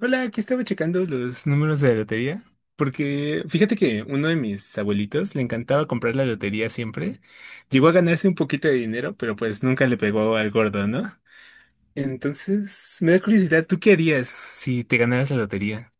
Hola, aquí estaba checando los números de la lotería, porque fíjate que uno de mis abuelitos le encantaba comprar la lotería siempre. Llegó a ganarse un poquito de dinero, pero pues nunca le pegó al gordo, ¿no? Entonces, me da curiosidad, ¿tú qué harías si te ganaras la lotería?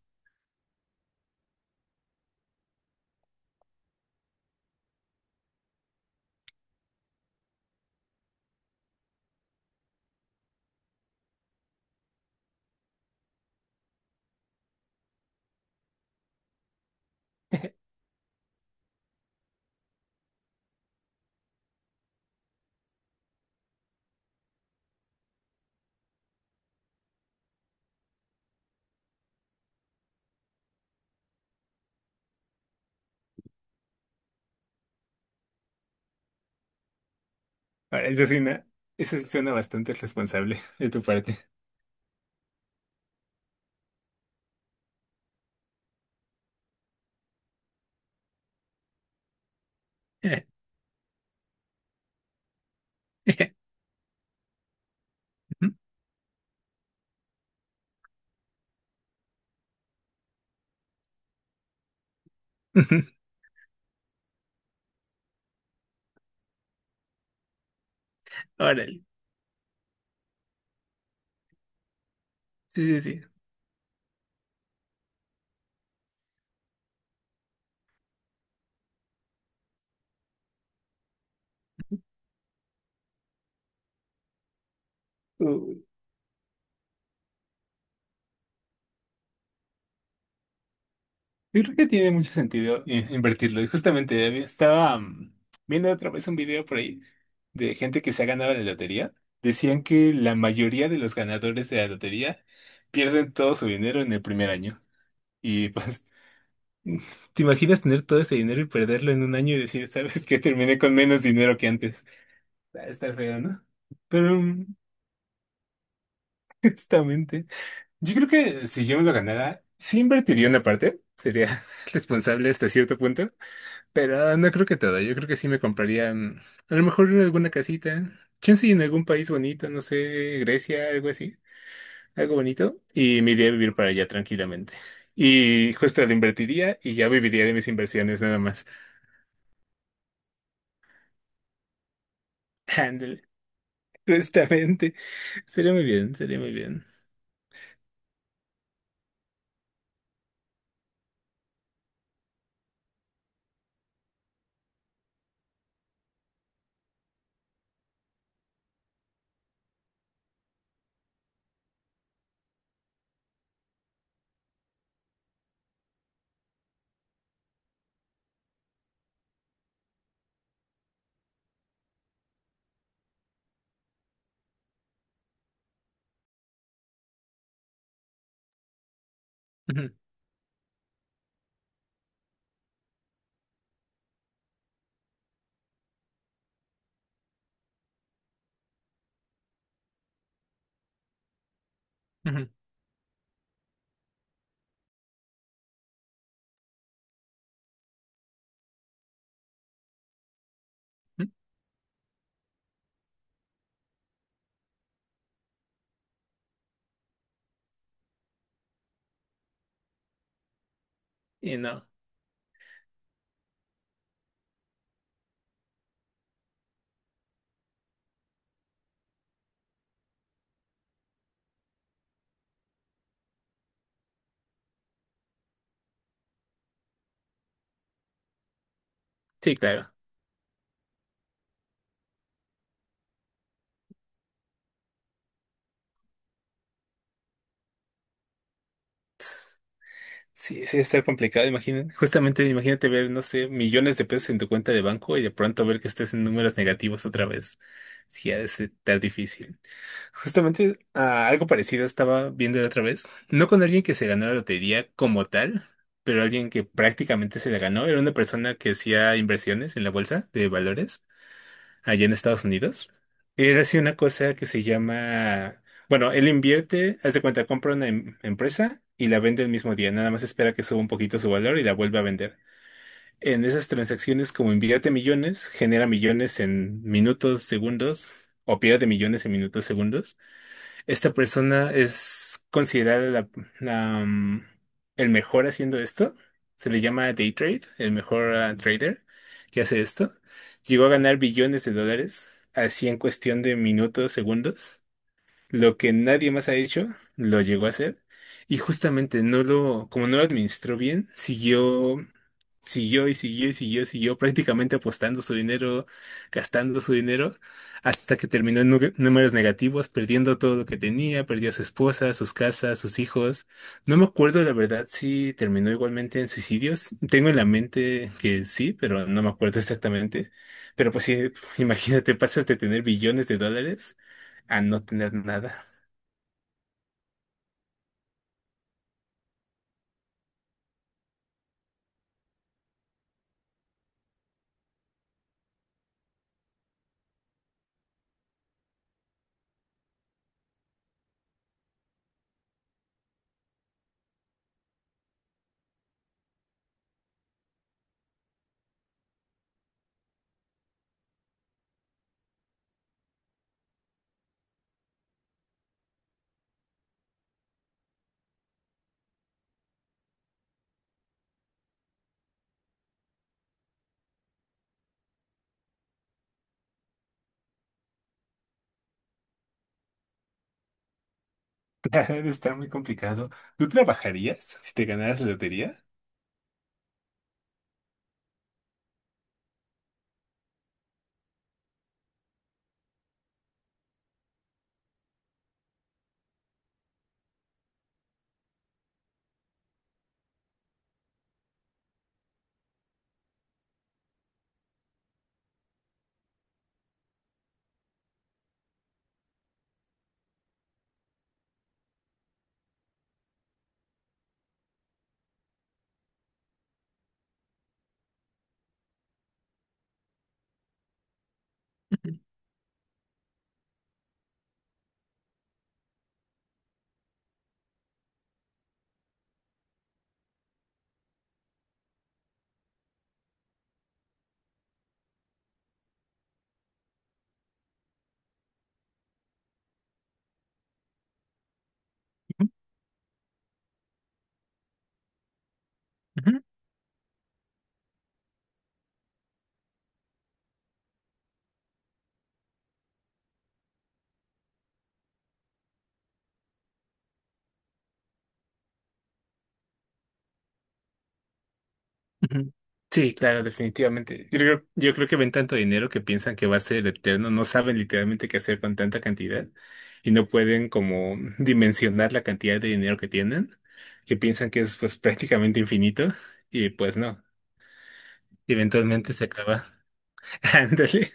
Ahora, eso suena bastante responsable de tu parte. Órale. Sí, sí, sí. Yo creo que tiene mucho sentido invertirlo. Y justamente estaba viendo otra vez un video por ahí de gente que se ha ganado la lotería. Decían que la mayoría de los ganadores de la lotería pierden todo su dinero en el primer año. Y pues, ¿te imaginas tener todo ese dinero y perderlo en un año y decir, ¿sabes qué? Terminé con menos dinero que antes. Va a estar feo, ¿no? Pero, justamente, yo creo que si yo me lo ganara, sí invertiría una parte. Sería responsable hasta cierto punto. Pero no creo que toda, yo creo que sí me compraría a lo mejor alguna casita, chance en algún país bonito, no sé, Grecia, algo así, algo bonito, y me iría a vivir para allá tranquilamente. Y justo lo invertiría y ya viviría de mis inversiones nada más. Ándale, justamente. Sería muy bien, sería muy bien. Ujú, ujú, ujú. Y no, sí, claro. Sí, sí, está complicado, imagínate. Justamente, imagínate ver, no sé, millones de pesos en tu cuenta de banco y de pronto ver que estés en números negativos otra vez. Sí, ha de ser tan difícil. Justamente, algo parecido estaba viendo la otra vez. No con alguien que se ganó la lotería como tal, pero alguien que prácticamente se la ganó. Era una persona que hacía inversiones en la bolsa de valores allá en Estados Unidos. Él hace una cosa que se llama, bueno, él invierte, haz de cuenta, compra una empresa y la vende el mismo día, nada más espera que suba un poquito su valor y la vuelve a vender. En esas transacciones, como invierte millones, genera millones en minutos, segundos, o pierde millones en minutos, segundos. Esta persona es considerada la, mm, el mejor haciendo esto. Se le llama day trade, el mejor trader que hace esto. Llegó a ganar billones de dólares, así en cuestión de minutos, segundos. Lo que nadie más ha hecho, lo llegó a hacer. Y justamente como no lo administró bien, siguió, siguió prácticamente apostando su dinero, gastando su dinero, hasta que terminó en números negativos, perdiendo todo lo que tenía, perdió a su esposa, sus casas, sus hijos. No me acuerdo, la verdad, si terminó igualmente en suicidios. Tengo en la mente que sí, pero no me acuerdo exactamente. Pero pues sí, imagínate, pasas de tener billones de dólares a no tener nada. Claro, debe estar muy complicado. ¿Tú trabajarías si te ganaras la lotería? Ujú. Sí, claro, definitivamente. Yo creo que ven tanto dinero que piensan que va a ser eterno, no saben literalmente qué hacer con tanta cantidad y no pueden como dimensionar la cantidad de dinero que tienen, que piensan que es pues prácticamente infinito y pues no, eventualmente se acaba. Ándale,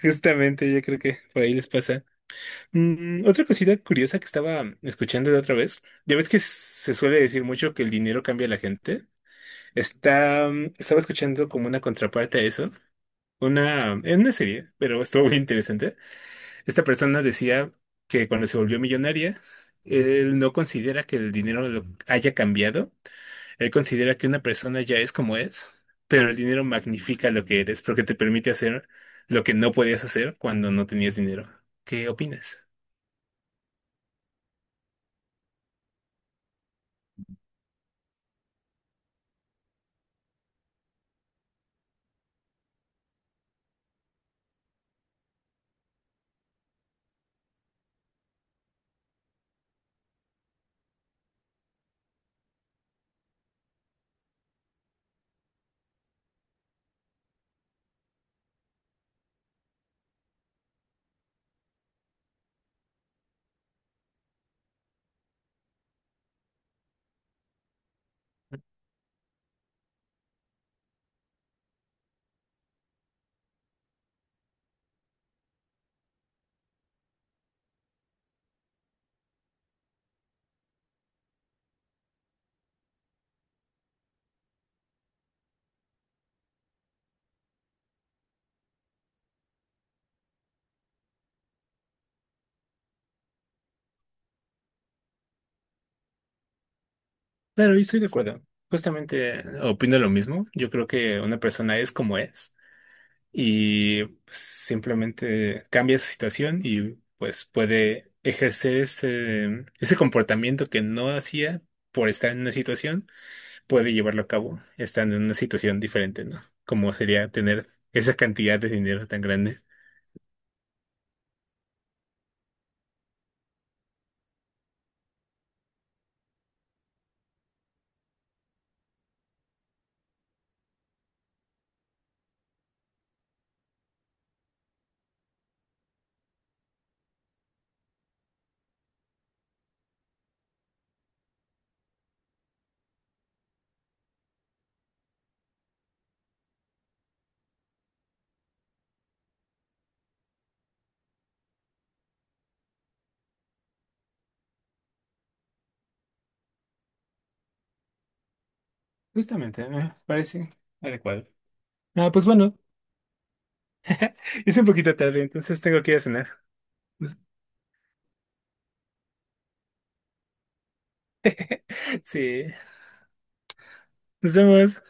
justamente yo creo que por ahí les pasa. Mm, otra cosita curiosa que estaba escuchando la otra vez, ya ves que se suele decir mucho que el dinero cambia a la gente. Estaba escuchando como una contraparte a eso, en una serie, pero estuvo muy interesante. Esta persona decía que cuando se volvió millonaria, él no considera que el dinero lo haya cambiado, él considera que una persona ya es como es, pero el dinero magnifica lo que eres porque te permite hacer lo que no podías hacer cuando no tenías dinero. ¿Qué opinas? Claro, yo estoy de acuerdo. Justamente opino lo mismo. Yo creo que una persona es como es y pues, simplemente cambia su situación y pues puede ejercer ese, ese comportamiento que no hacía por estar en una situación, puede llevarlo a cabo estando en una situación diferente, ¿no? Como sería tener esa cantidad de dinero tan grande. Justamente, me parece adecuado. Ah, pues bueno, es un poquito tarde, entonces tengo que ir a cenar. Sí, nos vemos.